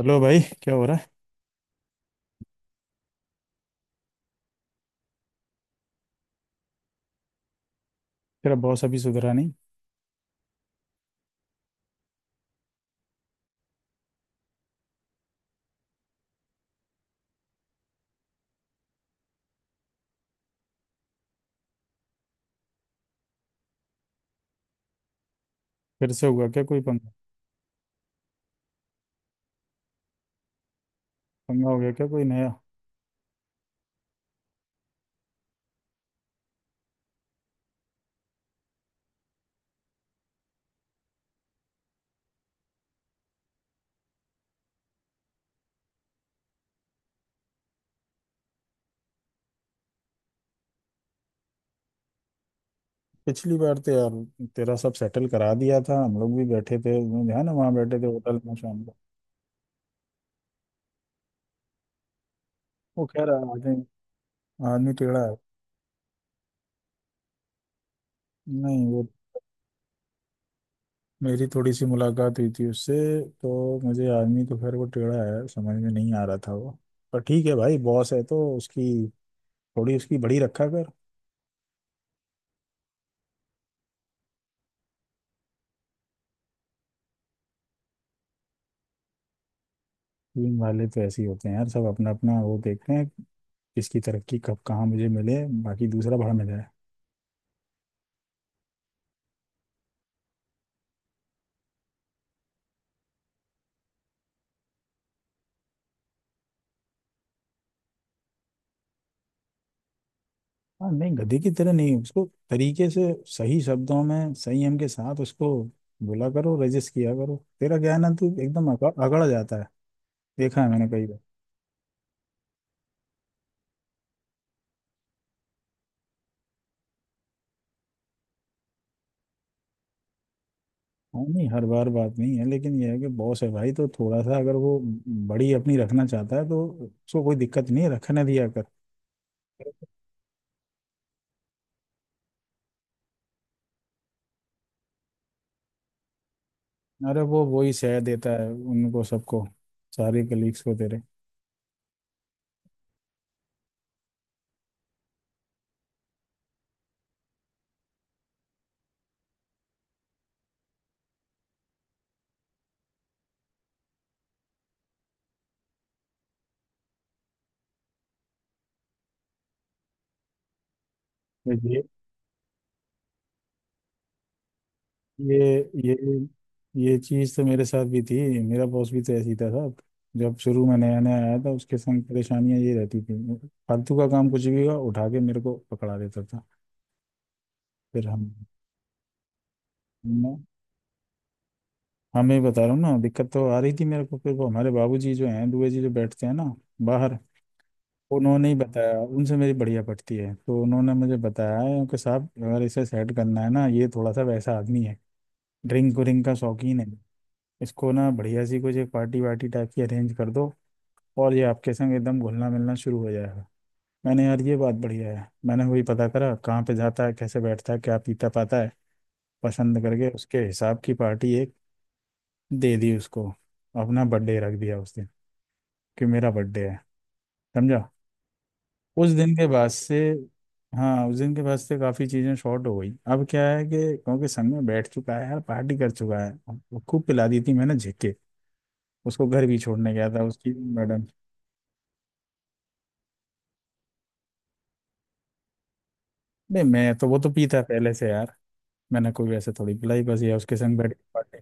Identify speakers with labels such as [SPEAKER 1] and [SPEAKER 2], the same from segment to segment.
[SPEAKER 1] Hello भाई, क्या हो रहा है। तेरा बॉस अभी सुधरा नहीं। फिर से हुआ क्या, कोई पंगा। पंगा हो गया क्या कोई नया। पिछली बार तो यार तेरा सब सेटल करा दिया था, हम लोग भी बैठे थे। ध्यान है ना, वहाँ बैठे थे होटल में शाम को। वो कह रहा है, आदमी। आदमी टेढ़ा है। नहीं वो, मेरी थोड़ी सी मुलाकात हुई थी उससे। तो मुझे आदमी तो खैर वो टेढ़ा है, समझ में नहीं आ रहा था वो। पर ठीक है भाई, बॉस है तो उसकी थोड़ी उसकी बड़ी रखा कर। टीम वाले तो ऐसे ही होते हैं यार, सब अपना अपना वो देखते हैं। किसकी तरक्की कब कहाँ मुझे मिले, बाकी दूसरा बड़ा मिल जाए। हाँ नहीं गधे की तरह नहीं, उसको तरीके से सही शब्दों में संयम के साथ उसको बोला करो, रजिस्ट किया करो। तेरा क्या है ना, तू एकदम अगड़ जाता है। देखा है मैंने कई बार। हाँ नहीं हर बार बात नहीं है, लेकिन यह है कि बॉस है भाई, तो थोड़ा सा अगर वो बड़ी अपनी रखना चाहता है तो उसको कोई दिक्कत नहीं है, रखने दिया कर। अरे वो वही सह देता है उनको सबको, सारे कलीग्स को तेरे। ये ये ये ये चीज़ तो मेरे साथ भी थी, मेरा बॉस भी तो ऐसी था साहब। जब शुरू में नया नया आया था उसके संग परेशानियां ये रहती थी। फालतू का काम कुछ भी हुआ उठा के मेरे को पकड़ा देता था। फिर हम मैं- हाँ, मैं बता रहा हूँ ना, दिक्कत तो आ रही थी मेरे को, फिर वो हमारे बाबूजी जो हैं, दुबे जी जो बैठते हैं ना बाहर, उन्होंने ही बताया। उनसे मेरी बढ़िया पटती है तो उन्होंने मुझे बताया है कि साहब, अगर इसे सेट करना है ना, ये थोड़ा सा वैसा आदमी है, ड्रिंक व्रिंक का शौकीन है। इसको ना बढ़िया सी कुछ एक पार्टी वार्टी टाइप की अरेंज कर दो, और ये आपके संग एकदम घुलना मिलना शुरू हो जाएगा। मैंने यार ये बात बढ़िया है, मैंने वही पता करा कहाँ पे जाता है, कैसे बैठता है, क्या पीता पाता है। पसंद करके उसके हिसाब की पार्टी एक दे दी उसको, अपना बर्थडे रख दिया उस दिन कि मेरा बर्थडे है, समझा। उस दिन के बाद से, हाँ उस दिन के बाद से काफ़ी चीज़ें शॉर्ट हो गई। अब क्या है कि क्योंकि संग में बैठ चुका है यार, पार्टी कर चुका है। वो खूब पिला दी थी मैंने झिक के, उसको घर भी छोड़ने गया था उसकी मैडम। नहीं मैं तो वो तो पीता पहले से यार, मैंने कोई वैसे थोड़ी पिलाई, बस ये उसके संग बैठ के पार्टी।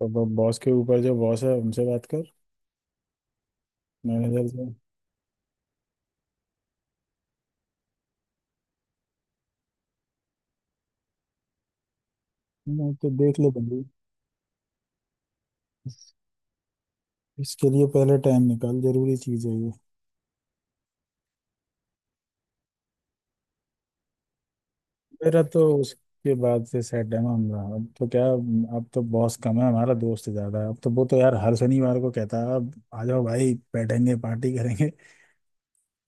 [SPEAKER 1] तो वो बॉस के ऊपर जो बॉस है उनसे बात कर, मैनेजर से। मैं तो देख ले बंदी। इस- इसके लिए पहले टाइम निकाल, जरूरी चीज है ये। मेरा तो उसके बाद से सेट है मामला, अब तो क्या। अब तो बॉस कम है, हमारा दोस्त ज्यादा है। अब तो वो तो यार हर शनिवार को कहता है, अब आ जाओ भाई, बैठेंगे, पार्टी करेंगे।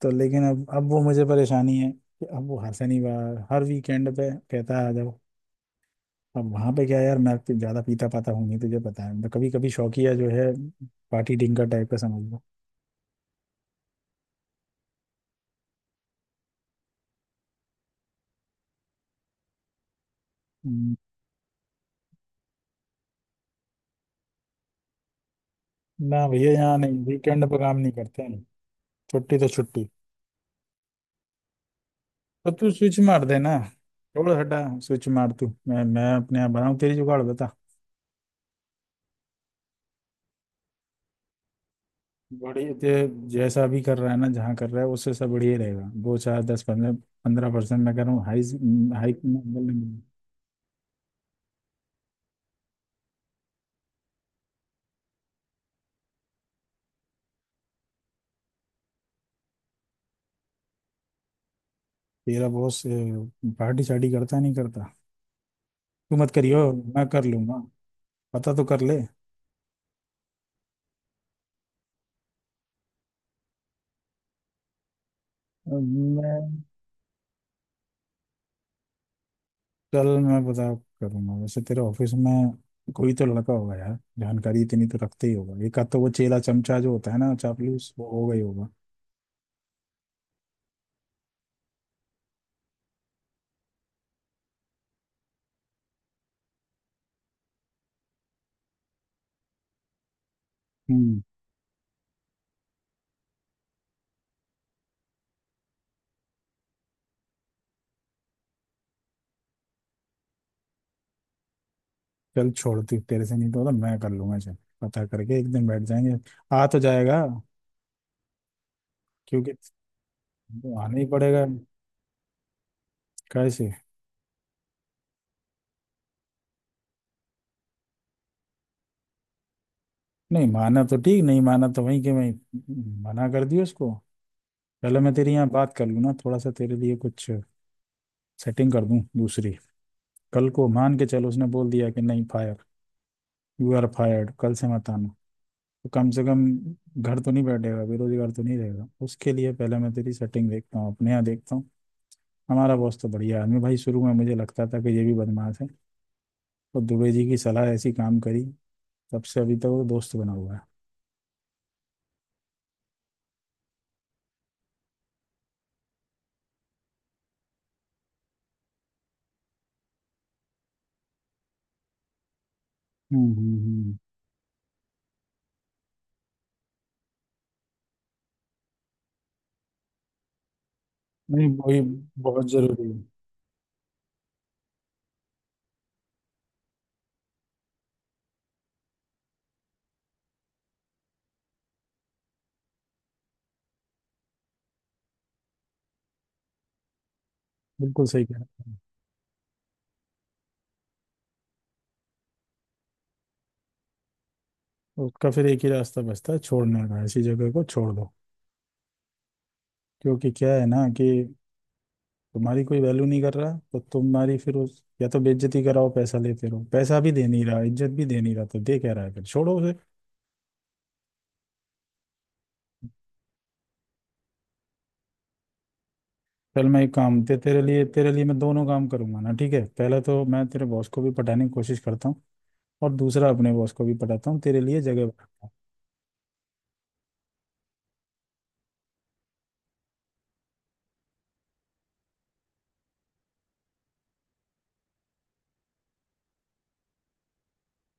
[SPEAKER 1] तो लेकिन अब वो मुझे परेशानी है कि अब वो हर शनिवार हर वीकेंड पे कहता है आ जाओ। अब वहां पे क्या यार, मैं ज्यादा पीता पाता हूँ नहीं, तुझे पता है मैं कभी कभी शौकिया जो है, पार्टी डिंकर टाइप का समझ लो। हम्म। ना भैया, यहाँ नहीं, वीकेंड पे काम नहीं करते हैं। छुट्टी तो छुट्टी। तो तू स्विच मार दे ना, छोड़ हटा स्विच मार तू, मैं अपने यहाँ बनाऊँ तेरी जुगाड़ बता। बढ़िया जैसा भी कर रहा है ना जहाँ कर रहा है उससे सब बढ़िया रहेगा। दो चार 10 पंद्रह पंद्रह परसेंट मैं कर रहा हूँ हाई। हाई, तेरा बॉस पार्टी शार्टी करता नहीं करता, तू मत करियो, मैं कर लूंगा। पता तो कर ले। अब मैं चल, मैं पता करूंगा वैसे तेरे ऑफिस में कोई तो लड़का होगा यार, जानकारी इतनी तो रखते ही होगा। एक आध तो वो चेला चमचा जो होता है ना चापलूस, वो होगा ही होगा। हम्म। चल छोड़, तू तेरे से नहीं तो होता, मैं कर लूंगा। चल, पता करके एक दिन बैठ जाएंगे, आ तो जाएगा क्योंकि आना ही पड़ेगा। कैसे? नहीं माना तो ठीक, नहीं माना तो वहीं के वहीं मना कर दियो उसको। पहले मैं तेरे यहाँ बात कर लूँ ना थोड़ा सा, तेरे लिए कुछ सेटिंग कर दूं दूसरी। कल को मान के चल उसने बोल दिया कि नहीं फायर, यू आर फायर्ड, कल से मत आना, तो कम से कम घर तो नहीं बैठेगा, बेरोजगार तो नहीं रहेगा। उसके लिए पहले मैं तेरी सेटिंग देखता हूँ अपने यहाँ देखता हूँ। हमारा बॉस तो बढ़िया आदमी भाई, शुरू में मुझे लगता था कि ये भी बदमाश है। तो दुबे जी की सलाह ऐसी काम करी, तब से अभी तक वो दोस्त बना हुआ है। हम्म हम्म हम्म। नहीं, वही बहुत जरूरी है। बिल्कुल सही कह रहा है। उसका फिर एक ही रास्ता बचता है छोड़ने का, ऐसी जगह को छोड़ दो। क्योंकि क्या है ना कि तुम्हारी कोई वैल्यू नहीं कर रहा, तो तुम्हारी फिर उस या तो बेइज्जती कराओ पैसा लेते रहो, पैसा भी दे नहीं रहा, इज्जत भी दे नहीं रहा, तो दे क्या रहा है, फिर छोड़ो उसे। चल मैं एक काम तेरे लिए मैं दोनों काम करूंगा ना, ठीक है। पहले तो मैं तेरे बॉस को भी पटाने की कोशिश करता हूँ, और दूसरा अपने बॉस को भी पटाता हूँ, तेरे लिए जगह बनाता हूँ।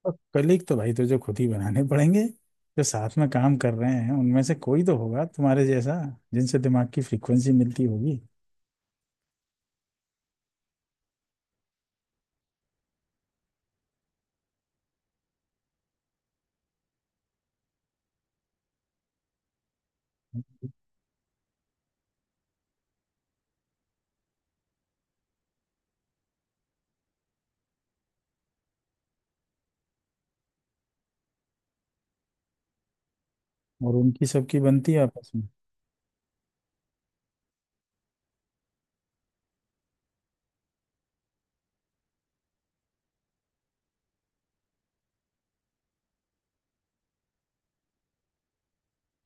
[SPEAKER 1] और कलीग तो भाई तुझे खुद ही बनाने पड़ेंगे, जो साथ में काम कर रहे हैं उनमें से कोई तो होगा तुम्हारे जैसा, जिनसे दिमाग की फ्रीक्वेंसी मिलती होगी। और उनकी सबकी बनती है आपस में।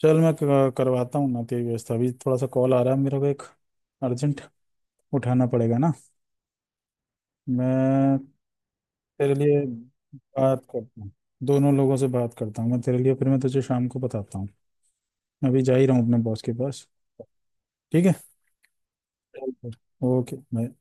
[SPEAKER 1] चल, मैं करवाता हूँ ना तेरी व्यवस्था, अभी थोड़ा सा कॉल आ रहा है मेरे को एक अर्जेंट, उठाना पड़ेगा ना। मैं तेरे लिए बात करता हूँ, दोनों लोगों से बात करता हूँ मैं तेरे लिए, फिर मैं तुझे शाम को बताता हूँ। मैं अभी जा ही रहा हूँ अपने बॉस के पास। ठीक है। चल फिर। Okay bye.